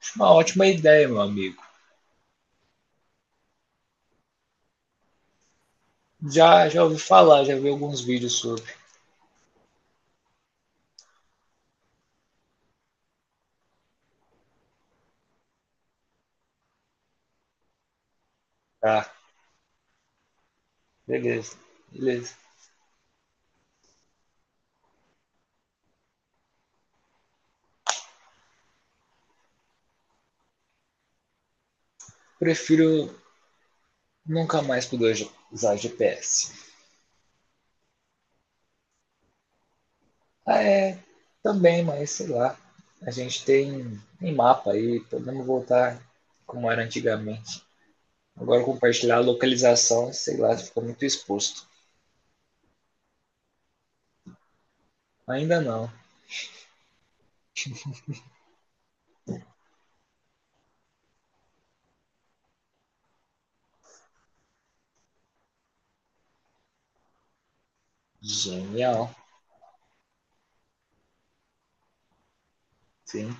Acho uma ótima ideia, meu amigo. Já ouvi falar, já vi alguns vídeos sobre. Tá, beleza, beleza. Prefiro nunca mais poder usar GPS. Ah, é, também, mas sei lá. A gente tem mapa aí, podemos voltar como era antigamente. Agora compartilhar a localização, sei lá, ficou muito exposto. Ainda não. Genial. Sim,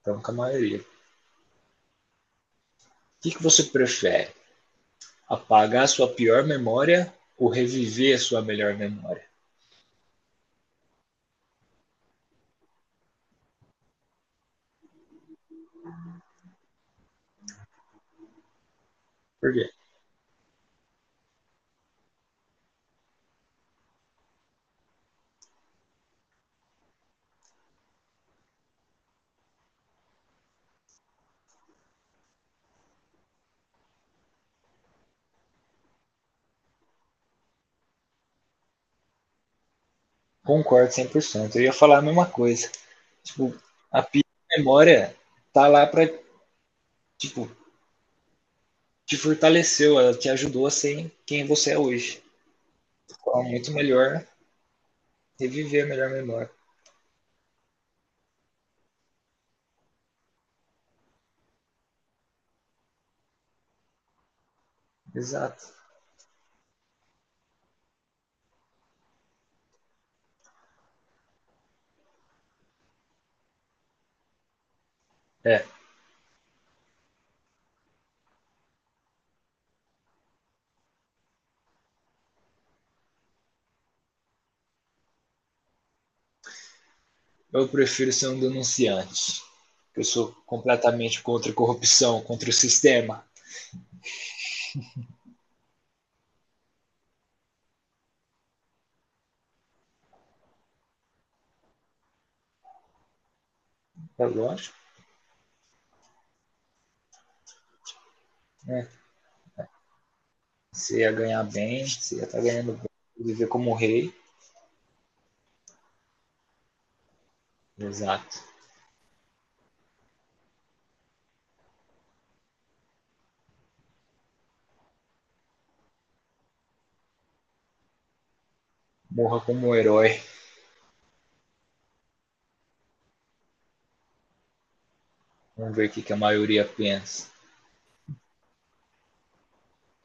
estamos com a maioria. O que, que você prefere? Apagar a sua pior memória ou reviver a sua melhor memória? Por quê? Concordo 100%. Eu ia falar a mesma coisa. Tipo, a pior memória tá lá pra, tipo, te fortaleceu, ela te ajudou a ser quem você é hoje. Então, é muito melhor reviver a melhor memória. Exato. É, eu prefiro ser um denunciante. Eu sou completamente contra a corrupção, contra o sistema. É lógico, né? Você ia ganhar bem, você ia estar ganhando bem, viver como um rei. Exato. Morra como um herói. Vamos ver o que, a maioria pensa.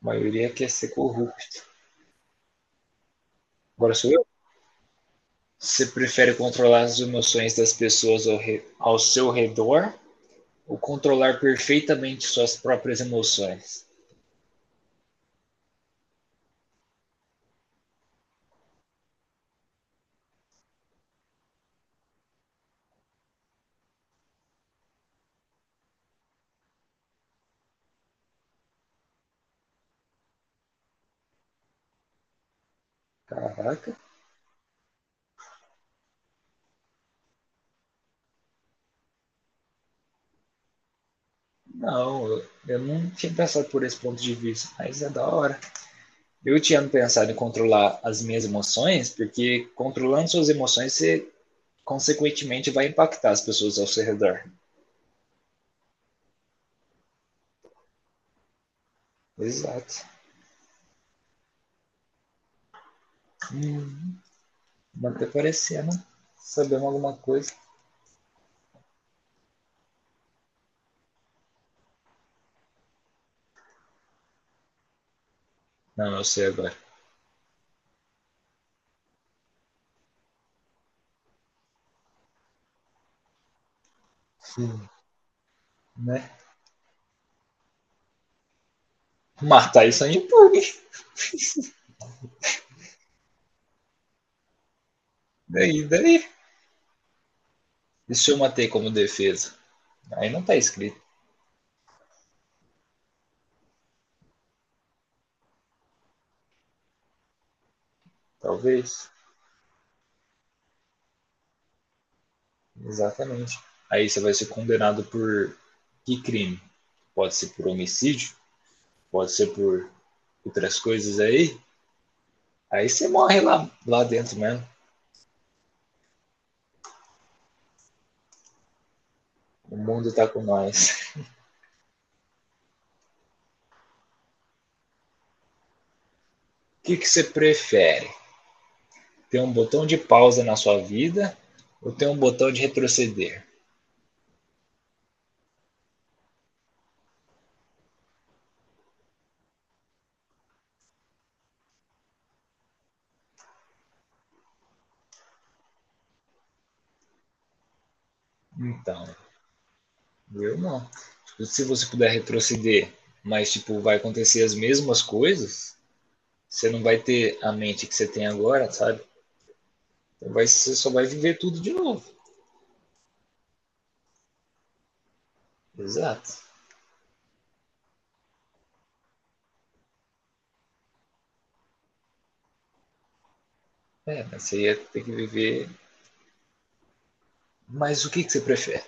A maioria quer ser corrupto. Agora sou eu? Você prefere controlar as emoções das pessoas ao seu redor ou controlar perfeitamente suas próprias emoções? Caraca, não, eu não tinha pensado por esse ponto de vista, mas é da hora. Eu tinha pensado em controlar as minhas emoções, porque controlando suas emoções, você consequentemente vai impactar as pessoas ao seu redor. Exato. Hum, Manter parecendo. Sabemos alguma coisa. Não, eu sei agora. Sim. Né? Matar isso aí pune. Daí, daí. E se eu matei como defesa? Aí não tá escrito. Talvez. Exatamente. Aí você vai ser condenado por que crime? Pode ser por homicídio? Pode ser por outras coisas aí? Aí você morre lá dentro mesmo. O mundo tá com nós. O que, que você prefere? Ter um botão de pausa na sua vida ou ter um botão de retroceder? Então, eu não. Tipo, se você puder retroceder, mas tipo, vai acontecer as mesmas coisas, você não vai ter a mente que você tem agora, sabe? Então, vai, você só vai viver tudo de novo. Exato. É, mas você ia ter que viver. Mas o que, que você prefere?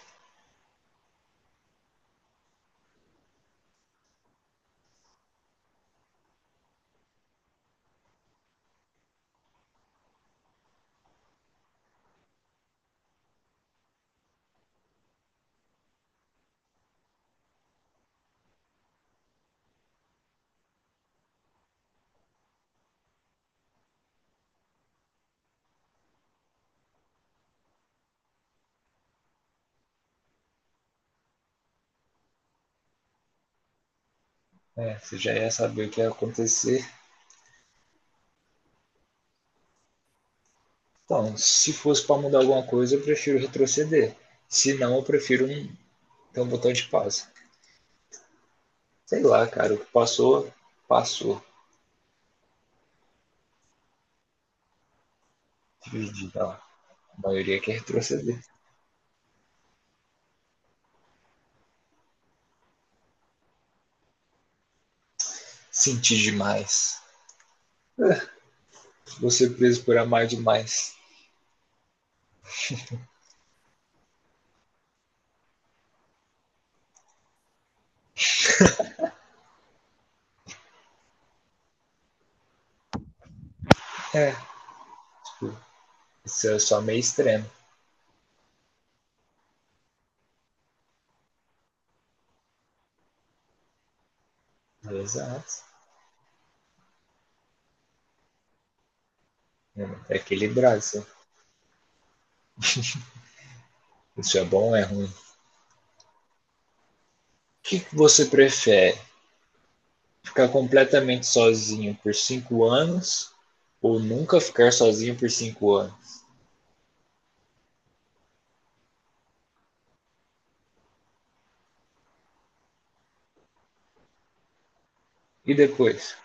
É, você já ia saber o que ia acontecer. Então, se fosse para mudar alguma coisa, eu prefiro retroceder. Se não, eu prefiro ter um botão de pausa. Sei lá, cara, o que passou, passou. Dividir, tá? A maioria quer retroceder. Sentir demais. Vou ser preso por amar demais. É, tipo, isso é só meio extremo. Exato. É equilibrado. Isso. Isso é bom ou é ruim? O que, você prefere? Ficar completamente sozinho por 5 anos ou nunca ficar sozinho por 5 anos? E depois?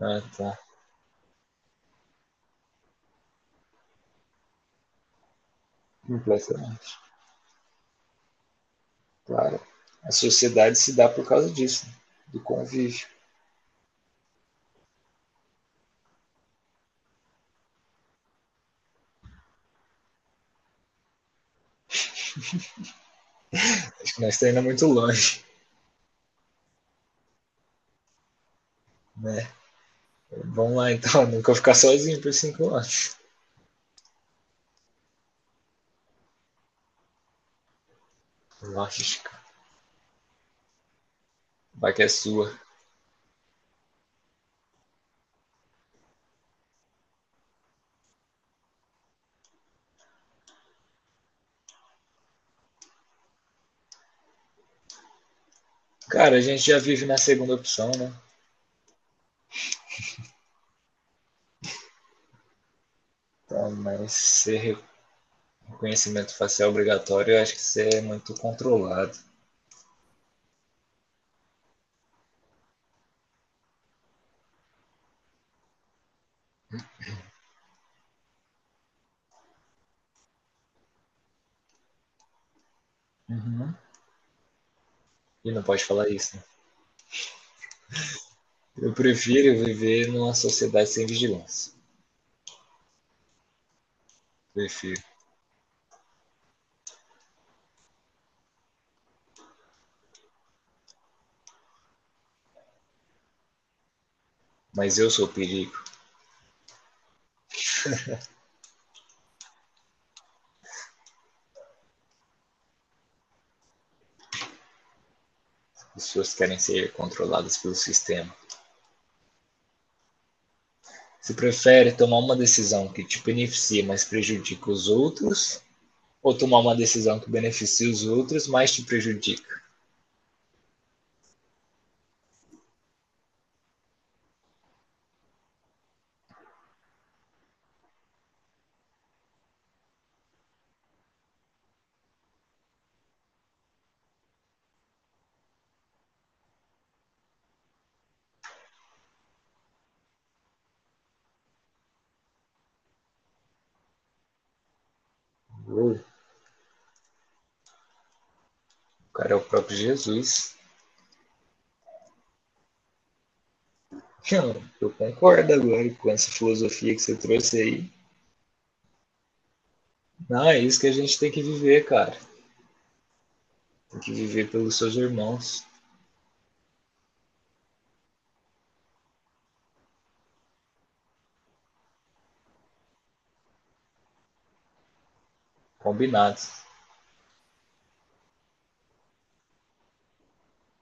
Ah, tá. Completamente. Claro. A sociedade se dá por causa disso, né? Do convívio. Acho que nós estamos ainda muito longe, né? Vamos lá, então. Nunca ficar sozinho por cinco anos. Lógico. Vai que é sua. Cara, a gente já vive na segunda opção, né? Então, mas ser reconhecimento facial obrigatório, eu acho que isso é muito controlado. Uhum. E não pode falar isso, né? Eu prefiro viver numa sociedade sem vigilância. Prefiro. Mas eu sou o perigo. As pessoas querem ser controladas pelo sistema. Você prefere tomar uma decisão que te beneficia, mas prejudica os outros? Ou tomar uma decisão que beneficia os outros, mas te prejudica? Uou, o cara é o próprio Jesus. Cara, eu concordo agora com essa filosofia que você trouxe aí. Não, é isso que a gente tem que viver, cara. Tem que viver pelos seus irmãos. Combinado.